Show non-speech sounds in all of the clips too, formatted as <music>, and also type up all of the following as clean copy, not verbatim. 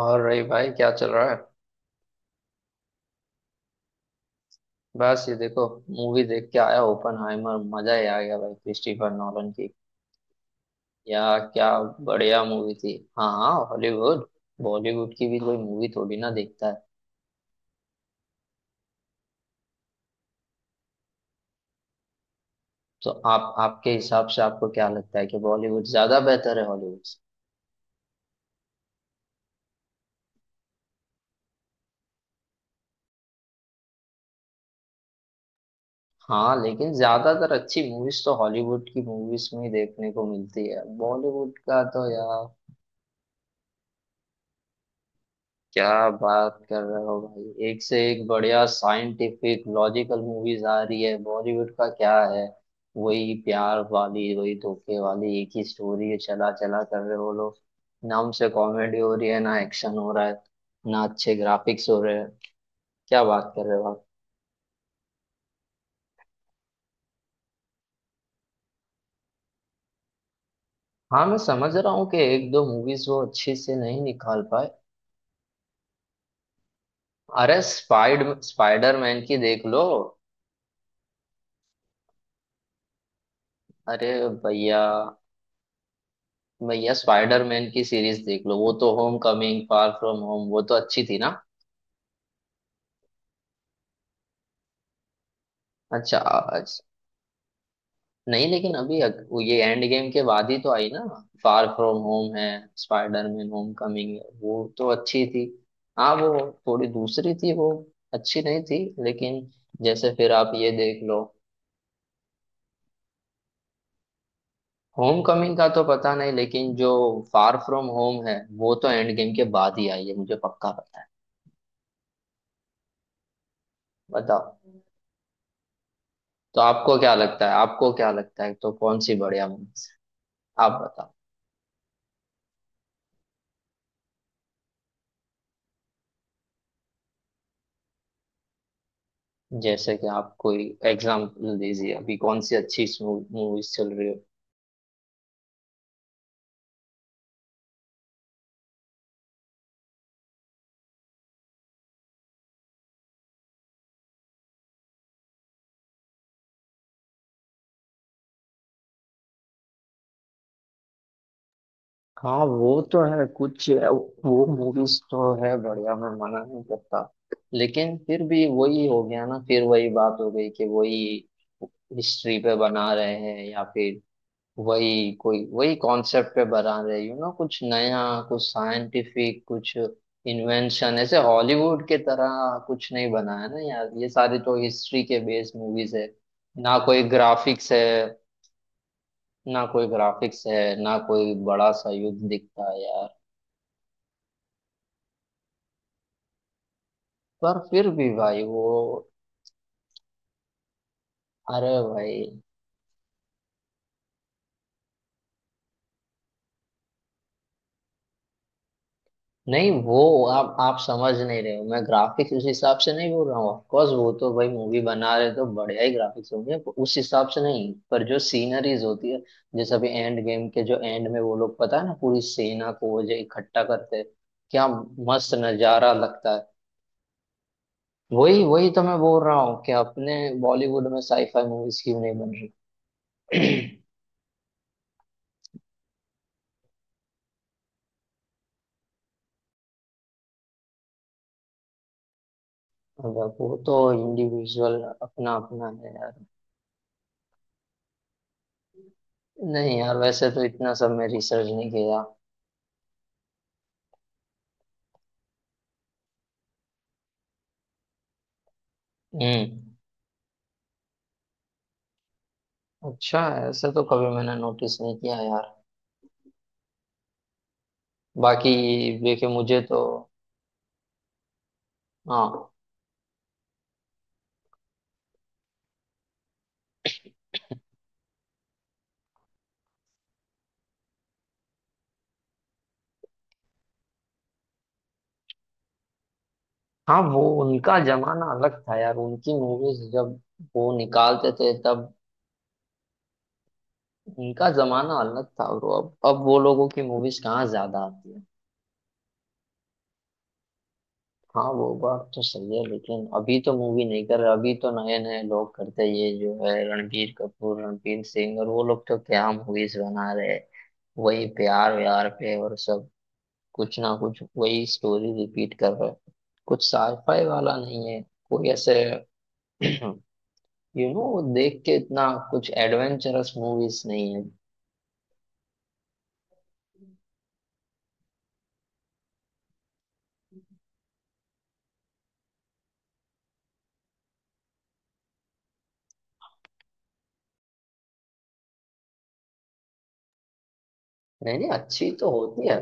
और रही भाई क्या चल रहा है। बस ये देखो। मूवी देख के आया ओपनहाइमर, मजा ही आ गया भाई क्रिस्टोफर नॉलन की। या? क्या? बढ़िया मूवी थी। हाँ हाँ, हॉलीवुड। बॉलीवुड की भी कोई मूवी थोड़ी ना देखता है। तो आप आपके हिसाब से आपको क्या लगता है कि बॉलीवुड ज्यादा बेहतर है हॉलीवुड से? हाँ लेकिन ज्यादातर अच्छी मूवीज तो हॉलीवुड की मूवीज में ही देखने को मिलती है, बॉलीवुड का तो यार। क्या? बात कर रहे हो भाई, एक से एक बढ़िया साइंटिफिक लॉजिकल मूवीज आ रही है। बॉलीवुड का क्या है, वही प्यार वाली वही धोखे वाली एक ही स्टोरी है, चला चला कर रहे हो लोग। ना हमसे कॉमेडी हो रही है, ना एक्शन हो रहा है, ना अच्छे ग्राफिक्स हो रहे हैं। क्या बात कर रहे हो आप? हाँ, मैं समझ रहा हूँ कि एक दो मूवीज वो अच्छे से नहीं निकाल पाए। अरे स्पाइडर मैन की देख लो। अरे भैया, भैया, स्पाइडरमैन की सीरीज देख लो, वो तो Homecoming, far from home, वो तो अच्छी थी ना। अच्छा, अच्छा। नहीं लेकिन अभी वो ये एंड गेम के बाद ही तो आई ना। फार फ्रॉम होम है। स्पाइडरमैन होम कमिंग है, वो तो अच्छी थी। हाँ वो थोड़ी दूसरी थी, वो अच्छी नहीं थी, लेकिन जैसे फिर आप ये देख लो। होम कमिंग का तो पता नहीं, लेकिन जो फार फ्रॉम होम है, वो तो एंड गेम के बाद ही आई है, मुझे पक्का पता है। बताओ। तो आपको क्या लगता है तो कौन सी बढ़िया मूवी? आप बताओ। जैसे कि आप कोई एग्जाम्पल दीजिए, अभी कौन सी अच्छी मूवीज चल रही है? हाँ वो तो है कुछ, वो मूवीज तो है बढ़िया, मैं मना नहीं करता। लेकिन फिर भी वही हो गया ना, फिर वही बात हो गई कि वही हिस्ट्री पे बना रहे हैं, या फिर वही कोई वही कॉन्सेप्ट पे बना रहे कुछ नया, कुछ साइंटिफिक, कुछ इन्वेंशन ऐसे हॉलीवुड के तरह कुछ नहीं बनाया ना यार, ये सारे तो हिस्ट्री के बेस्ड मूवीज है। ना कोई ग्राफिक्स है ना कोई ग्राफिक्स है, ना कोई बड़ा सा युद्ध दिखता है यार। पर फिर भी भाई वो। अरे भाई। नहीं वो आप समझ नहीं रहे हो, मैं ग्राफिक्स उस हिसाब से नहीं बोल रहा हूँ। ऑफकोर्स वो तो भाई मूवी बना रहे तो बढ़िया ही ग्राफिक्स होंगे, पर उस हिसाब से नहीं। पर जो सीनरीज होती है, जैसे अभी एंड गेम के जो एंड में, वो लोग पता है ना, पूरी सेना को जो इकट्ठा करते हैं, क्या मस्त नजारा लगता है। वही वही तो मैं बोल रहा हूँ कि अपने बॉलीवुड में साईफाई मूवीज क्यों नहीं बन रही अब। वो तो इंडिविजुअल अपना अपना है यार। नहीं यार, वैसे तो इतना सब मैं रिसर्च नहीं किया। हम्म। अच्छा। ऐसे तो कभी मैंने नोटिस नहीं किया यार। बाकी देखिए मुझे तो। हाँ। हाँ, वो उनका जमाना अलग था यार, उनकी मूवीज जब वो निकालते थे तब। उनका जमाना अलग था ब्रो, अब वो लोगों की मूवीज कहाँ ज्यादा आती है। हाँ वो बात तो सही है, लेकिन अभी तो मूवी नहीं कर रहा, अभी तो नए नए लोग करते हैं। ये जो है रणबीर कपूर, रणबीर सिंह और वो लोग, तो क्या मूवीज बना रहे हैं। वही प्यार व्यार पे, और सब कुछ ना कुछ वही स्टोरी रिपीट कर रहे हैं। कुछ साईफाई वाला नहीं है, कोई ऐसे। <clears throat> देख के इतना कुछ एडवेंचरस मूवीज नहीं है। नहीं नहीं, अच्छी तो होती है।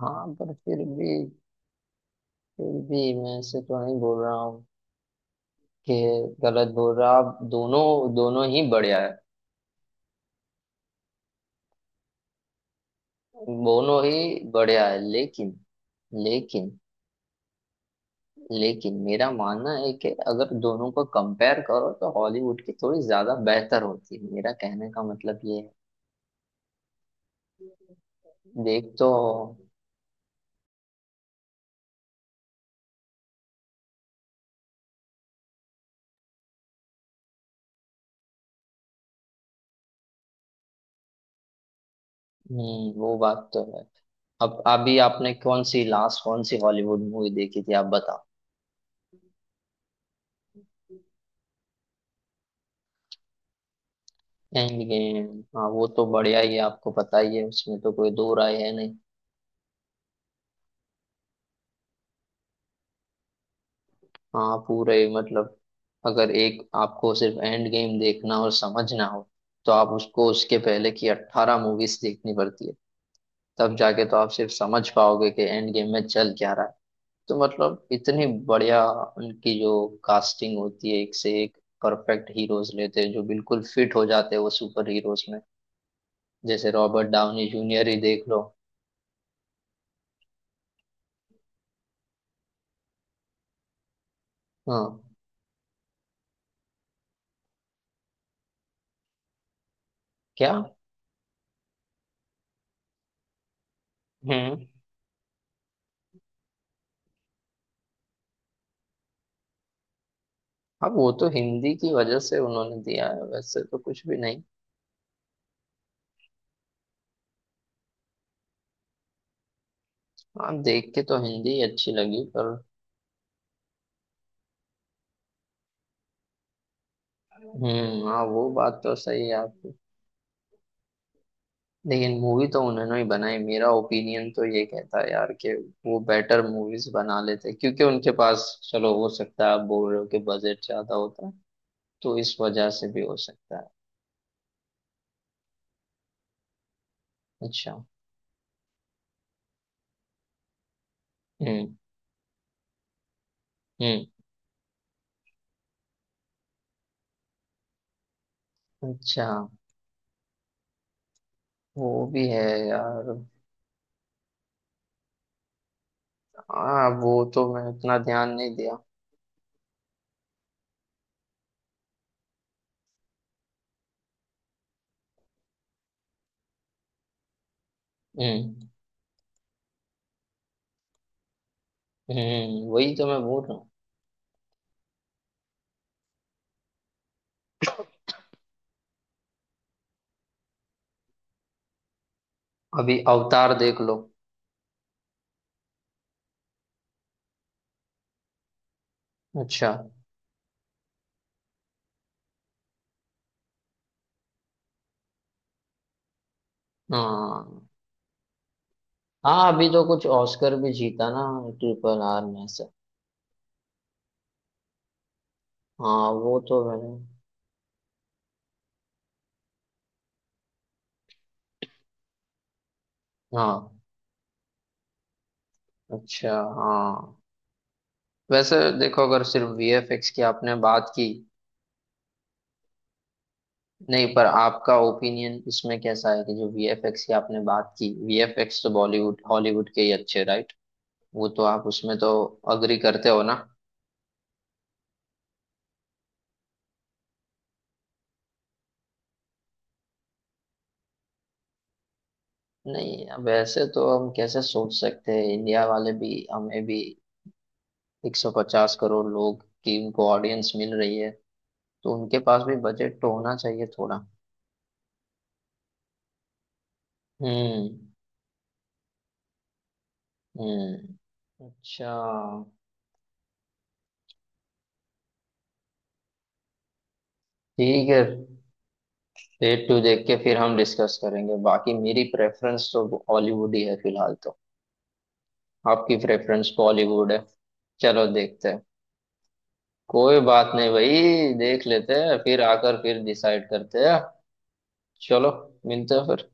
हाँ पर फिर भी मैं ऐसे तो नहीं बोल रहा हूँ कि गलत बोल रहा। आप दोनों दोनों ही बढ़िया है। दोनों ही बढ़िया है, लेकिन लेकिन लेकिन मेरा मानना है कि अगर दोनों को कंपेयर करो तो हॉलीवुड की थोड़ी ज्यादा बेहतर होती है, मेरा कहने का मतलब ये है। देख तो। वो बात तो है। अब अभी आपने कौन सी लास्ट, कौन सी हॉलीवुड मूवी देखी थी, आप बताओ? एंड गेम, हाँ वो तो बढ़िया ही है, आपको पता ही है उसमें तो कोई दो राय है नहीं। हाँ, पूरे मतलब अगर एक आपको सिर्फ एंड गेम देखना और समझना हो, तो आप उसको उसके पहले की अट्ठारह मूवीज देखनी पड़ती है, तब जाके तो आप सिर्फ समझ पाओगे कि एंड गेम में चल क्या रहा है। तो मतलब इतनी बढ़िया उनकी जो कास्टिंग होती है, एक से एक परफेक्ट हीरोज लेते हैं जो बिल्कुल फिट हो जाते हैं वो सुपर हीरोज में, जैसे रॉबर्ट डाउनी जूनियर ही देख लो। हाँ। क्या? हम्म। अब वो तो हिंदी की वजह से उन्होंने दिया है, वैसे तो कुछ भी नहीं। हाँ देख के तो हिंदी अच्छी लगी, पर। हम्म, हाँ वो बात तो सही है आपकी। लेकिन मूवी तो उन्होंने ही बनाई, मेरा ओपिनियन तो ये कहता है यार, कि वो बेटर मूवीज बना लेते क्योंकि उनके पास, चलो हो सकता है आप बोल रहे हो कि बजट ज्यादा होता है, तो इस वजह से भी हो सकता है। अच्छा। हम्म। हम्म। अच्छा। वो भी है यार। हाँ वो तो मैं इतना ध्यान नहीं दिया। हम्म। हम्म, वही तो मैं बोल रहा हूँ। अभी अवतार देख लो। अच्छा। हाँ हाँ, अभी तो कुछ ऑस्कर भी जीता ना ट्रिपल आर में से। हाँ वो तो मैंने। हाँ। अच्छा। हाँ। वैसे देखो, अगर सिर्फ वीएफएक्स की आपने बात की। नहीं पर आपका ओपिनियन इसमें कैसा है कि जो वीएफएक्स की आपने बात की, वीएफएक्स तो बॉलीवुड हॉलीवुड के ही अच्छे, राइट? वो तो आप उसमें तो अग्री करते हो ना। नहीं, वैसे तो हम कैसे सोच सकते हैं, इंडिया वाले भी, हमें भी 150 करोड़ लोग की उनको ऑडियंस मिल रही है, तो उनके पास भी बजट तो होना चाहिए थोड़ा। हम्म। हम्म। अच्छा। ठीक है। रेट टू देख के फिर हम डिस्कस करेंगे, बाकी मेरी प्रेफरेंस तो हॉलीवुड ही है फिलहाल तो। आपकी प्रेफरेंस बॉलीवुड है। चलो देखते हैं। कोई बात नहीं भाई, देख लेते हैं, फिर आकर फिर डिसाइड करते हैं। चलो, मिलते हैं फिर।